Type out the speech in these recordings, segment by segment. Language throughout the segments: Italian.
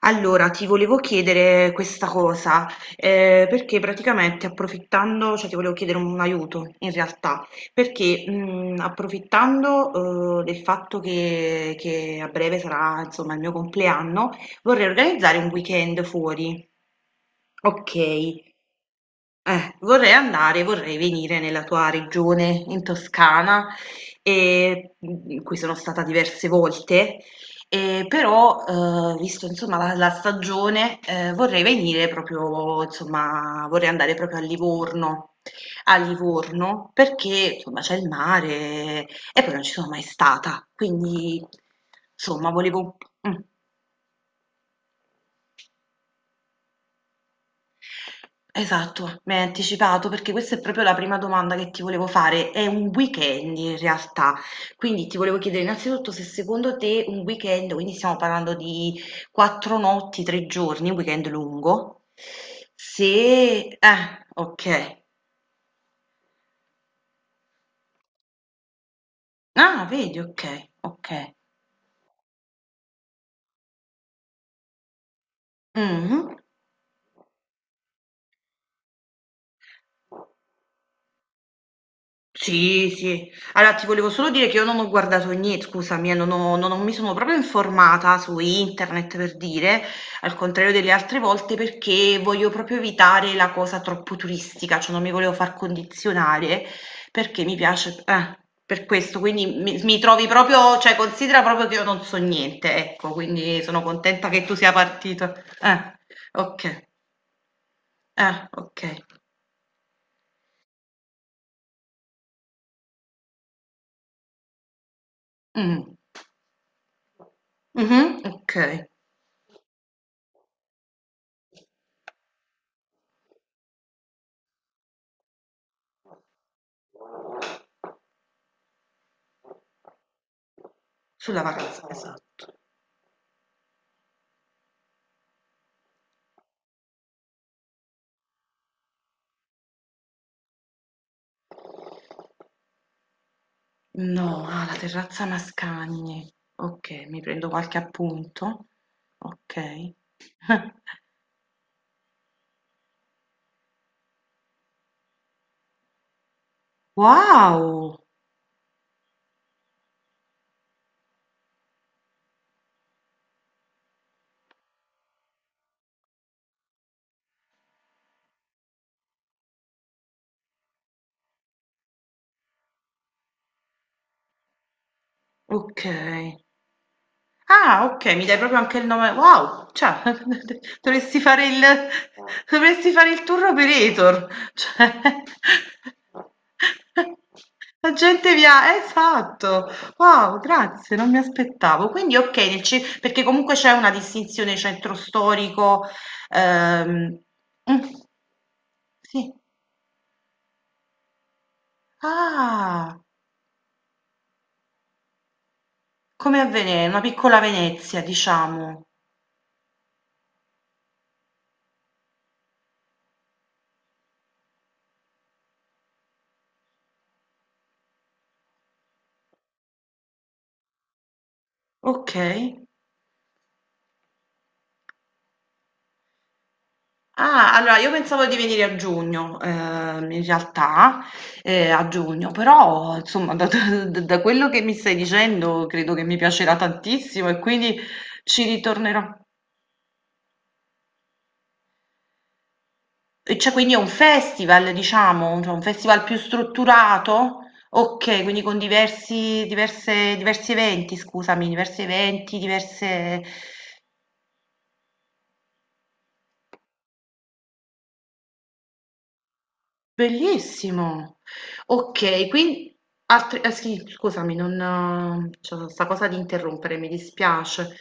Allora, ti volevo chiedere questa cosa, perché praticamente approfittando, cioè ti volevo chiedere un aiuto in realtà, perché approfittando del fatto che a breve sarà insomma il mio compleanno, vorrei organizzare un weekend fuori. Ok, vorrei andare, vorrei venire nella tua regione, in Toscana, in cui sono stata diverse volte, e però, visto insomma la stagione, vorrei venire proprio, insomma, vorrei andare proprio a Livorno, perché insomma c'è il mare e poi non ci sono mai stata, quindi insomma volevo... Mm. Esatto, mi hai anticipato perché questa è proprio la prima domanda che ti volevo fare. È un weekend in realtà, quindi ti volevo chiedere innanzitutto se secondo te un weekend, quindi stiamo parlando di 4 notti, 3 giorni, un weekend lungo, se... ok. Ah, vedi, ok, ok. Mhm. Sì, sì. Allora, ti volevo solo dire che io non ho guardato niente, scusami, non ho- non ho- mi sono proprio informata su internet per dire, al contrario delle altre volte, perché voglio proprio evitare la cosa troppo turistica, cioè non mi volevo far condizionare perché mi piace, per questo, quindi mi trovi proprio, cioè considera proprio che io non so niente, ecco, quindi sono contenta che tu sia partito. Eh, ok, ok. Mm. Mhm, ok, sulla vacanza, esatto. No, ah, la terrazza Mascagni. Okay, mi prendo qualche appunto. Okay. Wow! Okay. Ah, okay, mi dai proprio anche il nome wow, cioè dovresti fare il dovresti fare il tour operator, cioè la gente via esatto, wow, grazie, non mi aspettavo. Quindi okay, nel ce perché comunque c'è una distinzione centro storico, ehm mh, sì, ah, come a Vene una piccola Venezia diciamo, okay. Ah, allora io pensavo di venire a giugno, in realtà, a giugno, però insomma da, quello che mi stai dicendo credo che mi piacerà tantissimo e quindi ci ritornerò. E cioè, quindi è un festival, diciamo, cioè un festival più strutturato? Ok, quindi con diversi eventi, scusami, diversi eventi, diverse... Bellissimo. Okay, quin altri eh sì, scusami, non c'ho 'sta cosa di interrompere, mi dispiace.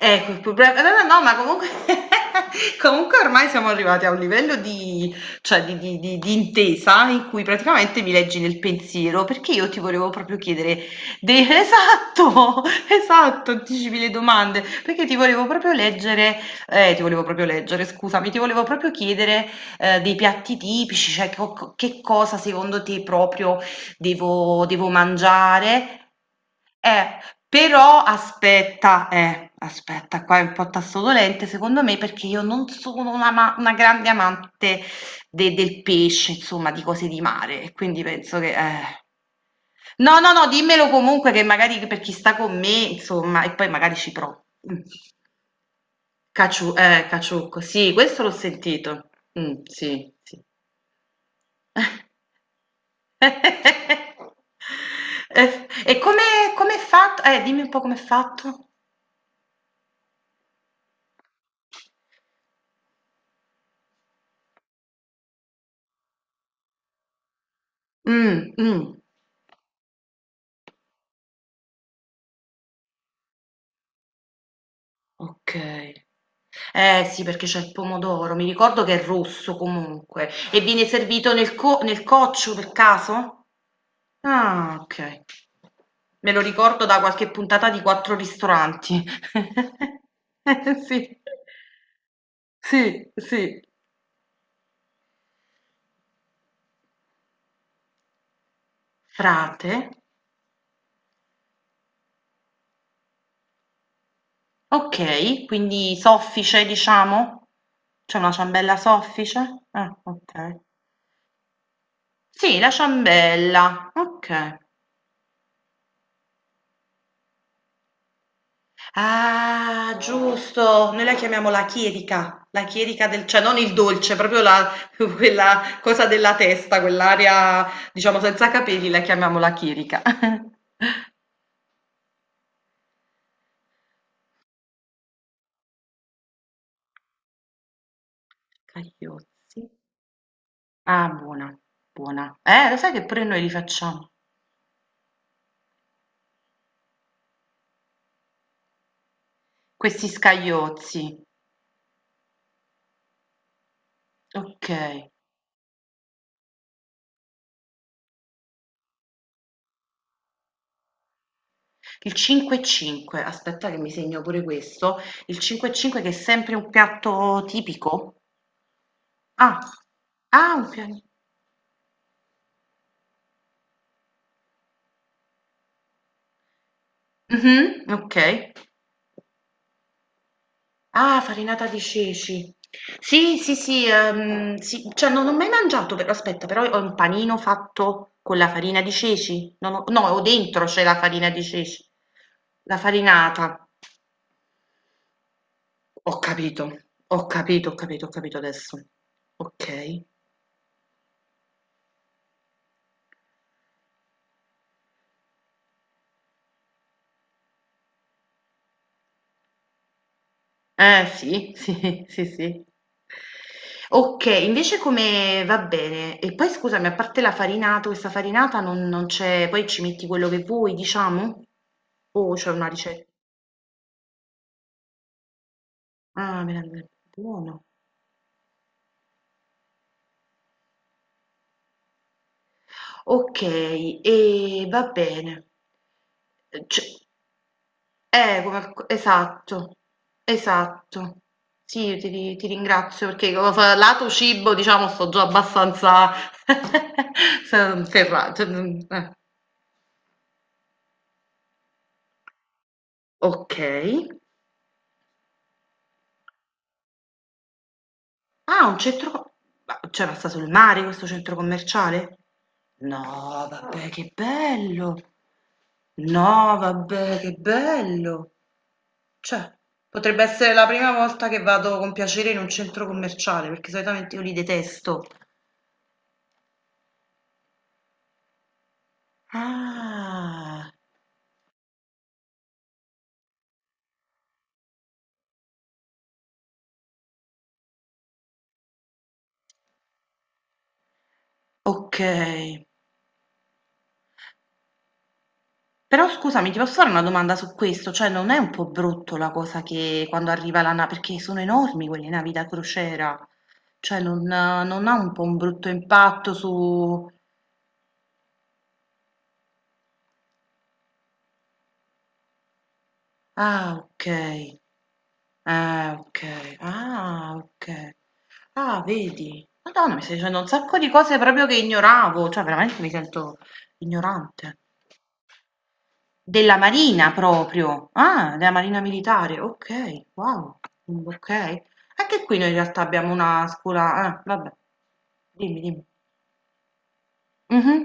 Ecco, il problema no, no, no, ma comunque, comunque ormai siamo arrivati a un livello di, cioè di intesa in cui praticamente mi leggi nel pensiero, perché io ti volevo proprio chiedere, esatto, esatto, anticipi le domande, perché ti volevo proprio leggere, ti volevo proprio leggere, scusami, ti volevo proprio chiedere dei piatti tipici, cioè che cosa secondo te proprio devo mangiare. Eh, però aspetta, qua è un po' tasto dolente secondo me perché io non sono una grande amante del pesce, insomma, di cose di mare, e quindi penso che... No, no, no, dimmelo comunque che magari per chi sta con me, insomma, e poi magari ci provo. Mm. Caciucco, sì, questo l'ho sentito. Mm, sì, sì. E e come com'è fatto? Dimmi un po' com'è fatto. Mh, mh, okay. Eh sì, perché c'è il pomodoro, mi ricordo che è rosso comunque. E viene servito nel coccio per caso? Ah, okay. Me lo ricordo da qualche puntata di Quattro Ristoranti. Sì. Sì, sì. Frate? Okay, quindi soffice diciamo? C'è una ciambella soffice? Ah, okay. Sì, la ciambella, okay. Ah, giusto, noi la chiamiamo la chierica del cioè non il dolce, proprio la quella cosa della testa, quell'area diciamo senza capelli, la chiamiamo la chierica. Scagliozzi. Ah, buona, buona. Lo sai che pure noi li facciamo, questi scagliozzi. Okay. Il 5 e 5, aspetta che mi segno pure questo. Il 5 e 5 che è sempre un piatto tipico? Ah, ah un pia mh-mh, okay. Ah, farinata di ceci. Sì, sì, sì, sì, cioè non ho mai mangiato però aspetta, però ho un panino fatto con la farina di ceci? Non ho no, ho dentro c'è la farina di ceci. La farinata. Ho capito, ho capito, ho capito, ho capito adesso. Okay. Eh sì, sì, sì, sì. Okay, invece come va bene. E poi scusami, a parte la farinata, questa farinata non c'è poi ci metti quello che vuoi, diciamo? O c'è una ricetta? Ah, meravigl buono. Okay, e va bene. C come al co esatto, esatto. Sì, ti ringrazio perché co fa lato cibo, diciamo, sto già abbastanza s ferra cioè, mhmm, eh. Okay. Ah, un centro ma cioè, ma c'era sta sul mare questo centro commerciale? No, vabbè, che bello! No, vabbè, che bello! Cioè, potrebbe essere la prima volta che vado con piacere in un centro commerciale, perché solitamente io li detesto. Ah, ok. Però scusami, ti posso fare una domanda su questo? Cioè, non è un po' brutto la cosa che quando arriva la nave, perché sono enormi quelle navi da crociera, cioè non ha un po' un brutto impatto su. Ah, okay. Ah, okay. Ah, okay. Ah, vedi? Madonna, mi stai dicendo un sacco di cose proprio che ignoravo, cioè veramente mi sento ignorante. Della Marina proprio. Ah, della Marina militare. Okay, wow. Mm, okay. Anche qui noi in realtà abbiamo una scuola ah, vabbè. Dimmi, dimmi. Mh-mh.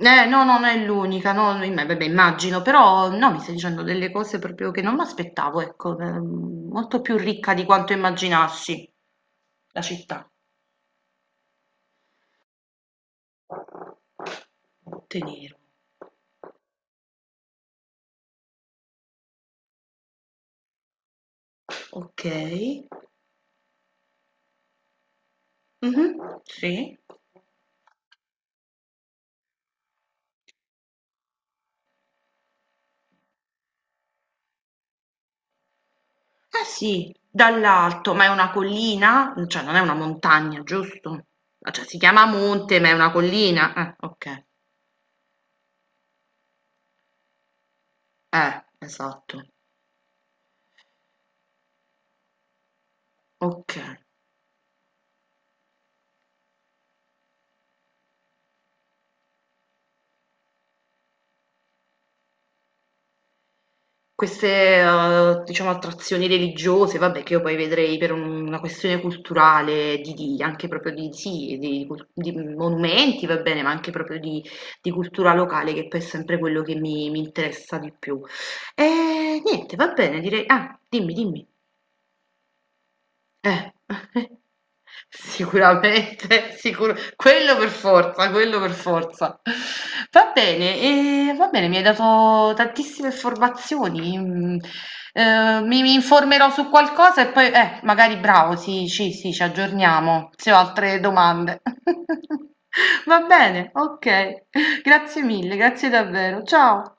No, no, non è l'unica, no, no, vabbè, immagino, però no, mi stai dicendo delle cose proprio che non mi aspettavo, ecco, molto più ricca di quanto immaginassi la città. Monte Nero, ok, Mhm, sì, ah sì, dall'alto, ma è una collina, cioè non è una montagna, giusto? Ah, cioè si chiama monte, ma è una collina, ok, esatto, ok. Queste, diciamo attrazioni religiose, vabbè, che io poi vedrei per una questione culturale di anche proprio di sì, di monumenti, va bene, ma anche proprio di cultura locale, che poi è sempre quello che mi interessa di più. Niente, va bene, direi ah, dimmi, dimmi. Eh, sicuramente, sicuro quello per forza, quello per forza. Va bene, e va bene, mi hai dato tantissime informazioni. Mi informerò su qualcosa e poi, magari bravo, sì, sì, sì, ci aggiorniamo se ho altre domande. Va bene, ok. Grazie mille, grazie davvero. Ciao.